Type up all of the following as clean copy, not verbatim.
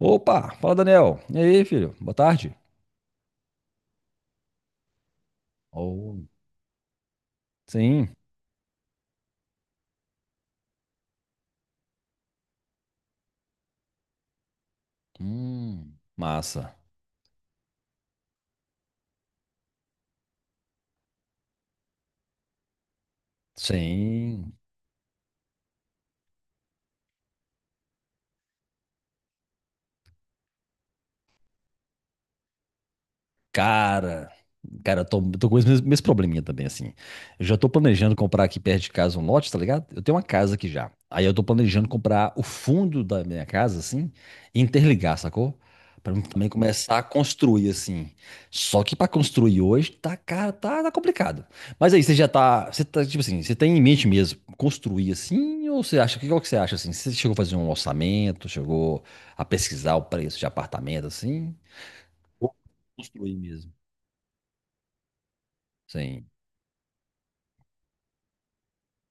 Opa, fala Daniel. E aí, filho? Boa tarde. Oh, sim. Massa. Sim. Cara, cara, eu tô com esse mesmo probleminha também, assim. Eu já tô planejando comprar aqui perto de casa um lote, tá ligado? Eu tenho uma casa aqui já. Aí eu tô planejando comprar o fundo da minha casa, assim, e interligar, sacou? Pra mim também começar a construir, assim. Só que pra construir hoje, tá, cara, tá complicado. Mas aí, você tá, tipo assim, você tem em mente mesmo construir assim, ou você acha, que qual que você acha, assim? Você chegou a fazer um orçamento, Chegou a pesquisar o preço de apartamento, assim? Ou construir mesmo. Sim.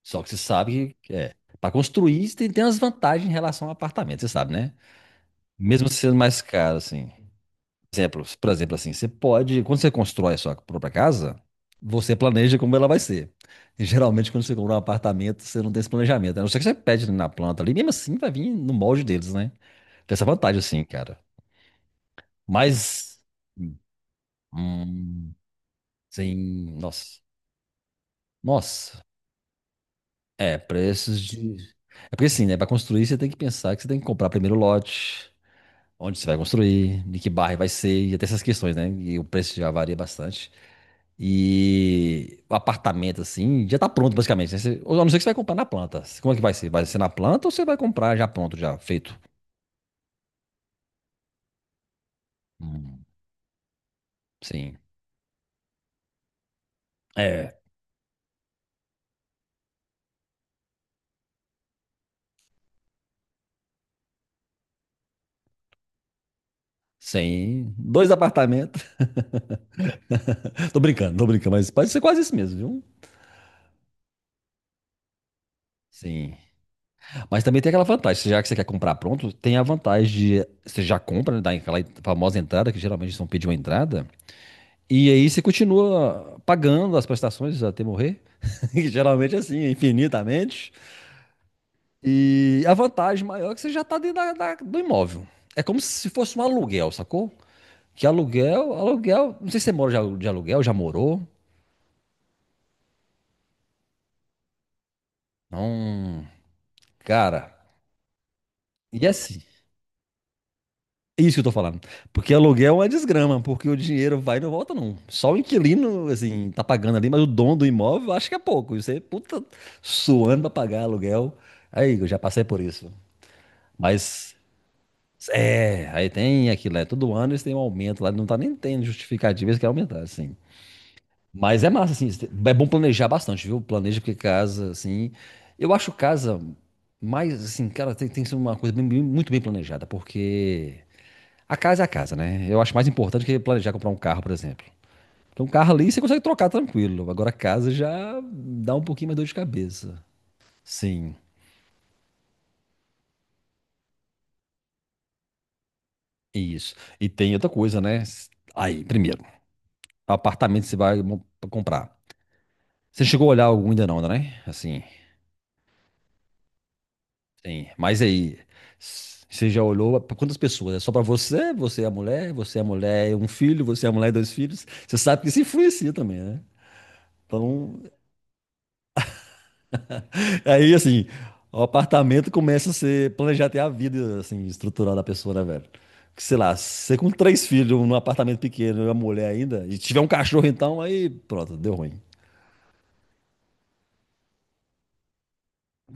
Só que você sabe que é. Para construir, você tem umas vantagens em relação ao apartamento, você sabe, né? Mesmo sendo mais caro, assim. Por exemplo, assim, quando você constrói a sua própria casa, você planeja como ela vai ser. E, geralmente, quando você compra um apartamento, você não tem esse planejamento, né? A não ser que você pede na planta, ali mesmo assim vai vir no molde deles, né? Tem essa vantagem, assim, cara. Mas, hum, hum, sim. Nossa. Nossa. É, preços de. É porque assim, né? Para construir, você tem que pensar que você tem que comprar primeiro o lote, onde você vai construir, de que bairro vai ser, e até essas questões, né? E o preço já varia bastante. E o apartamento, assim, já tá pronto, basicamente, né? Ou a não ser que você vai comprar na planta. Como é que vai ser? Vai ser na planta ou você vai comprar já pronto, já feito? Hum, sim. É. Sim. Dois apartamentos. Tô brincando, mas pode ser quase isso mesmo, viu? Sim. Mas também tem aquela vantagem, já que você quer comprar pronto, tem a vantagem de você já compra, né, dá aquela famosa entrada, que geralmente eles não pedem uma entrada, e aí você continua pagando as prestações até morrer, que geralmente é assim, infinitamente. E a vantagem maior é que você já está dentro do imóvel. É como se fosse um aluguel, sacou? Que aluguel, aluguel, não sei se você mora de aluguel, já morou. Não, cara, e assim, é isso que eu tô falando. Porque aluguel é uma desgrama, porque o dinheiro vai e não volta, não. Só o inquilino, assim, tá pagando ali, mas o dono do imóvel acho que é pouco. E você, puta, suando pra pagar aluguel. Aí, eu já passei por isso. Mas, é, aí tem aquilo, é, todo ano eles têm um aumento lá, não tá nem tendo justificativa, eles querem aumentar, assim. Mas é massa, assim, é bom planejar bastante, viu? Planeja porque casa, assim. Eu acho casa mais, assim, cara, tem, tem que ser uma coisa muito bem planejada, porque. A casa é a casa, né? Eu acho mais importante que planejar comprar um carro, por exemplo. Porque um carro ali você consegue trocar tranquilo. Agora a casa já dá um pouquinho mais dor de cabeça. Sim, isso. E tem outra coisa, né? Aí, primeiro, apartamento você comprar. Você chegou a olhar algum ainda não, né? Assim, sim. Mas aí, você já olhou para quantas pessoas? É só para você, você é a mulher, você é a mulher e um filho, você é a mulher e dois filhos. Você sabe que isso influencia também, né? Então, aí, assim, o apartamento começa a ser planejar até a vida, assim, estrutural da pessoa, né, velho? Que, sei lá, você com três filhos num apartamento pequeno e uma mulher ainda, e tiver um cachorro então, aí pronto, deu ruim.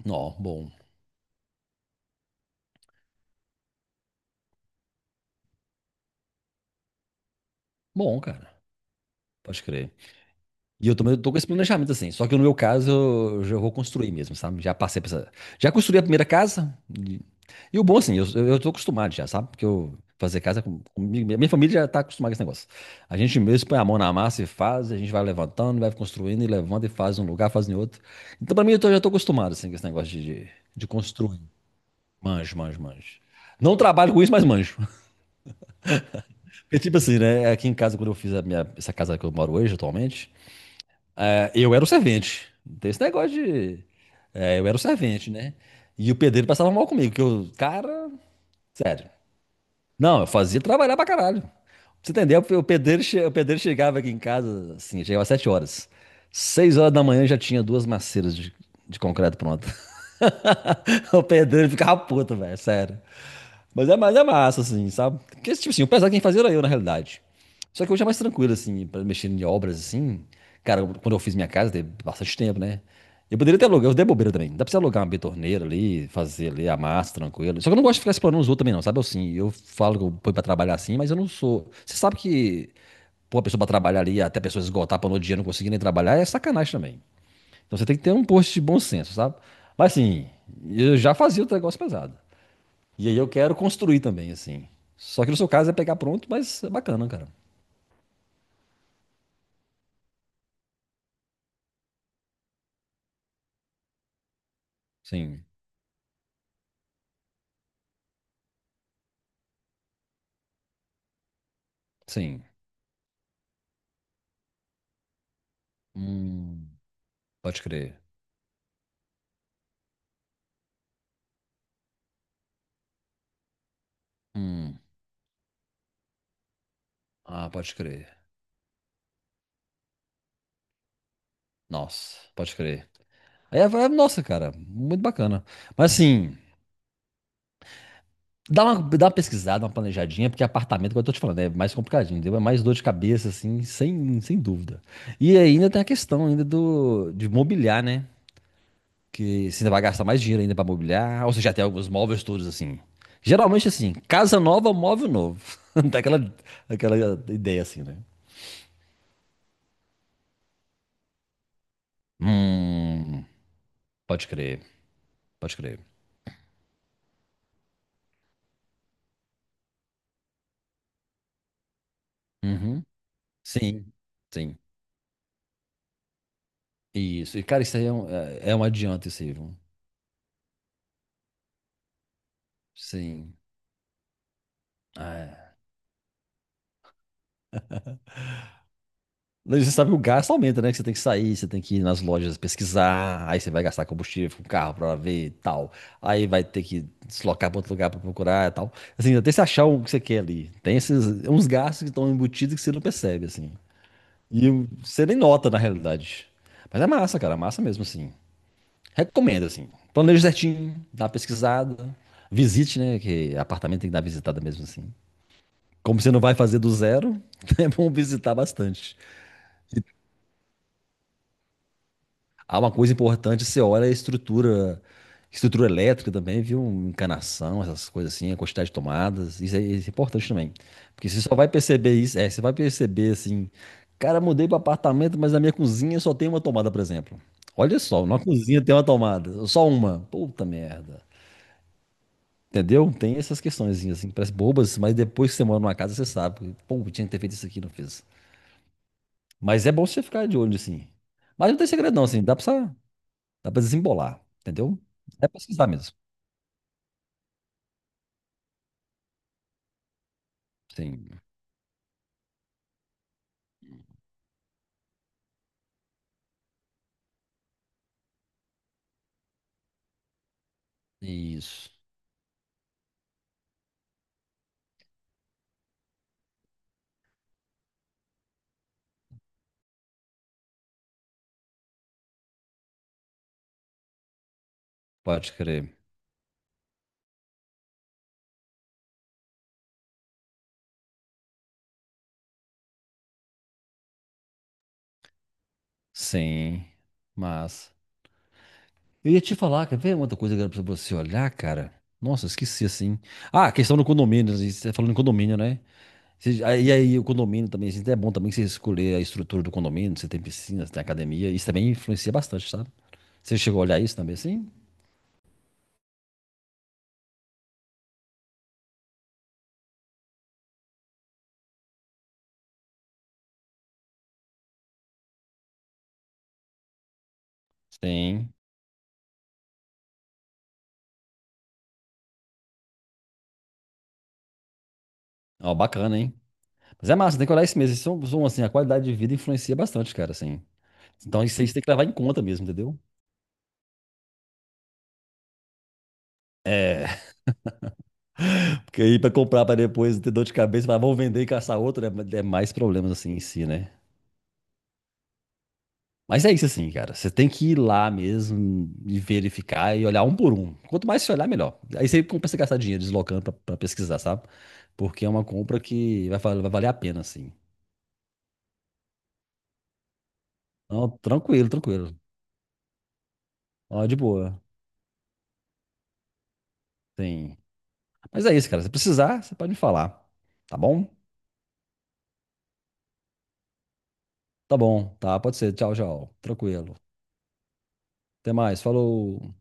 Não, bom. Bom, cara. Pode crer. E eu também tô com esse planejamento, assim. Só que no meu caso, eu já vou construir mesmo, sabe? Já passei por essa. Já construí a primeira casa. E o bom, assim, eu tô acostumado já, sabe? Porque eu fazer casa com, comigo. Minha família já tá acostumada com esse negócio. A gente mesmo põe a mão na massa e faz, a gente vai levantando, vai construindo e levanta e faz em um lugar, faz em outro. Então, pra mim, já tô acostumado, assim, com esse negócio de construir. Manjo, manjo, manjo. Não trabalho com isso, mas manjo. Porque, tipo assim, né? Aqui em casa, quando eu fiz a minha, essa casa que eu moro hoje, atualmente. É, eu era o servente. Não tem esse negócio de. É, eu era o servente, né? E o pedreiro passava mal comigo, que eu, cara, sério. Não, eu fazia trabalhar pra caralho. Pra você entender, o pedreiro, o pedreiro chegava aqui em casa, assim, chegava às 7 horas. Seis horas da manhã eu já tinha duas maceiras de concreto pronto. O pedreiro ficava puto, velho, sério. Mas é massa, assim, sabe? Porque, tipo assim, o pesado quem fazia era eu, na realidade. Só que hoje é mais tranquilo, assim, pra mexer em obras, assim. Cara, quando eu fiz minha casa, teve bastante tempo, né? Eu poderia ter alugar, eu dei bobeira também. Dá pra você alugar uma betorneira ali, fazer ali a massa, tranquilo. Só que eu não gosto de ficar explorando os outros também, não, sabe? Eu, assim, eu falo que eu ponho pra trabalhar assim, mas eu não sou. Você sabe que pôr a pessoa pra trabalhar ali, até a pessoa esgotar, pra no outro dia não conseguir nem trabalhar, é sacanagem também. Então você tem que ter um post de bom senso, sabe? Mas assim, eu já fazia outro negócio pesado. E aí eu quero construir também, assim. Só que no seu caso é pegar pronto, mas é bacana, cara. Sim, sim. Hum, pode crer. Hum, ah, pode crer. Nossa, pode crer. Aí, nossa, cara, muito bacana. Mas assim, dá uma pesquisada, uma planejadinha, porque apartamento, como eu tô te falando, é mais complicadinho, entendeu? É mais dor de cabeça, assim, sem dúvida. E ainda tem a questão ainda de mobiliar, né? Que você ainda vai gastar mais dinheiro ainda pra mobiliar. Ou você já tem alguns móveis todos assim. Geralmente assim, casa nova, móvel novo. Dá aquela, aquela ideia assim, né? Hum, pode crer, pode crer. Uhum. Sim, sim. Isso. E, cara, isso aí é um, é um adianto, isso aí, viu? Sim. Ah, é. Você sabe que o gasto aumenta, né? Que você tem que sair, você tem que ir nas lojas pesquisar, aí você vai gastar combustível com o carro pra ver e tal. Aí vai ter que deslocar pra outro lugar pra procurar e tal. Assim, até você achar o que você quer ali. Tem esses uns gastos que estão embutidos que você não percebe, assim. Você nem nota, na realidade. Mas é massa, cara, é massa mesmo, assim. Recomendo, assim. Planeje certinho, dá uma pesquisada, visite, né? Que apartamento tem que dar visitada mesmo, assim. Como você não vai fazer do zero, é bom visitar bastante. Há uma coisa importante, você olha a estrutura, estrutura elétrica também, viu? Encanação, essas coisas assim, a quantidade de tomadas, isso é importante também. Porque você só vai perceber isso, é, você vai perceber assim, cara, mudei para apartamento, mas na minha cozinha só tem uma tomada, por exemplo. Olha só, na cozinha tem uma tomada, só uma. Puta merda. Entendeu? Tem essas questões assim, parece bobas, mas depois que você mora numa casa, você sabe que, pô, tinha que ter feito isso aqui, não fiz. Mas é bom você ficar de olho, assim. Mas não tem segredo, não, assim, dá pra desembolar, entendeu? É pesquisar mesmo. Sim. Isso. Pode crer. Sim. Mas. Eu ia te falar, quer ver uma outra coisa que era pra você olhar, cara? Nossa, eu esqueci assim. Ah, a questão do condomínio. Assim, você tá falando em condomínio, né? E aí, o condomínio também. Assim, é bom também que você escolher a estrutura do condomínio. Se tem piscina, se tem academia. Isso também influencia bastante, sabe? Você chegou a olhar isso também assim? Sim. Ó, bacana, hein? Mas é massa, tem que olhar isso mesmo. Assim, a qualidade de vida influencia bastante, cara, assim. Então isso aí você tem que levar em conta mesmo, entendeu? É, porque aí pra comprar pra depois ter dor de cabeça, falar, vou vender e caçar outro, é, é mais problemas assim em si, né? Mas é isso assim, cara. Você tem que ir lá mesmo e verificar e olhar um por um. Quanto mais você olhar, melhor. Aí você começa a gastar dinheiro deslocando pra pesquisar, sabe? Porque é uma compra que vai, vai valer a pena, assim. Não, tranquilo, tranquilo. Ó, de boa. Tem. Mas é isso, cara. Se precisar, você pode me falar. Tá bom? Tá bom, tá. Pode ser. Tchau, tchau. Tranquilo. Até mais. Falou.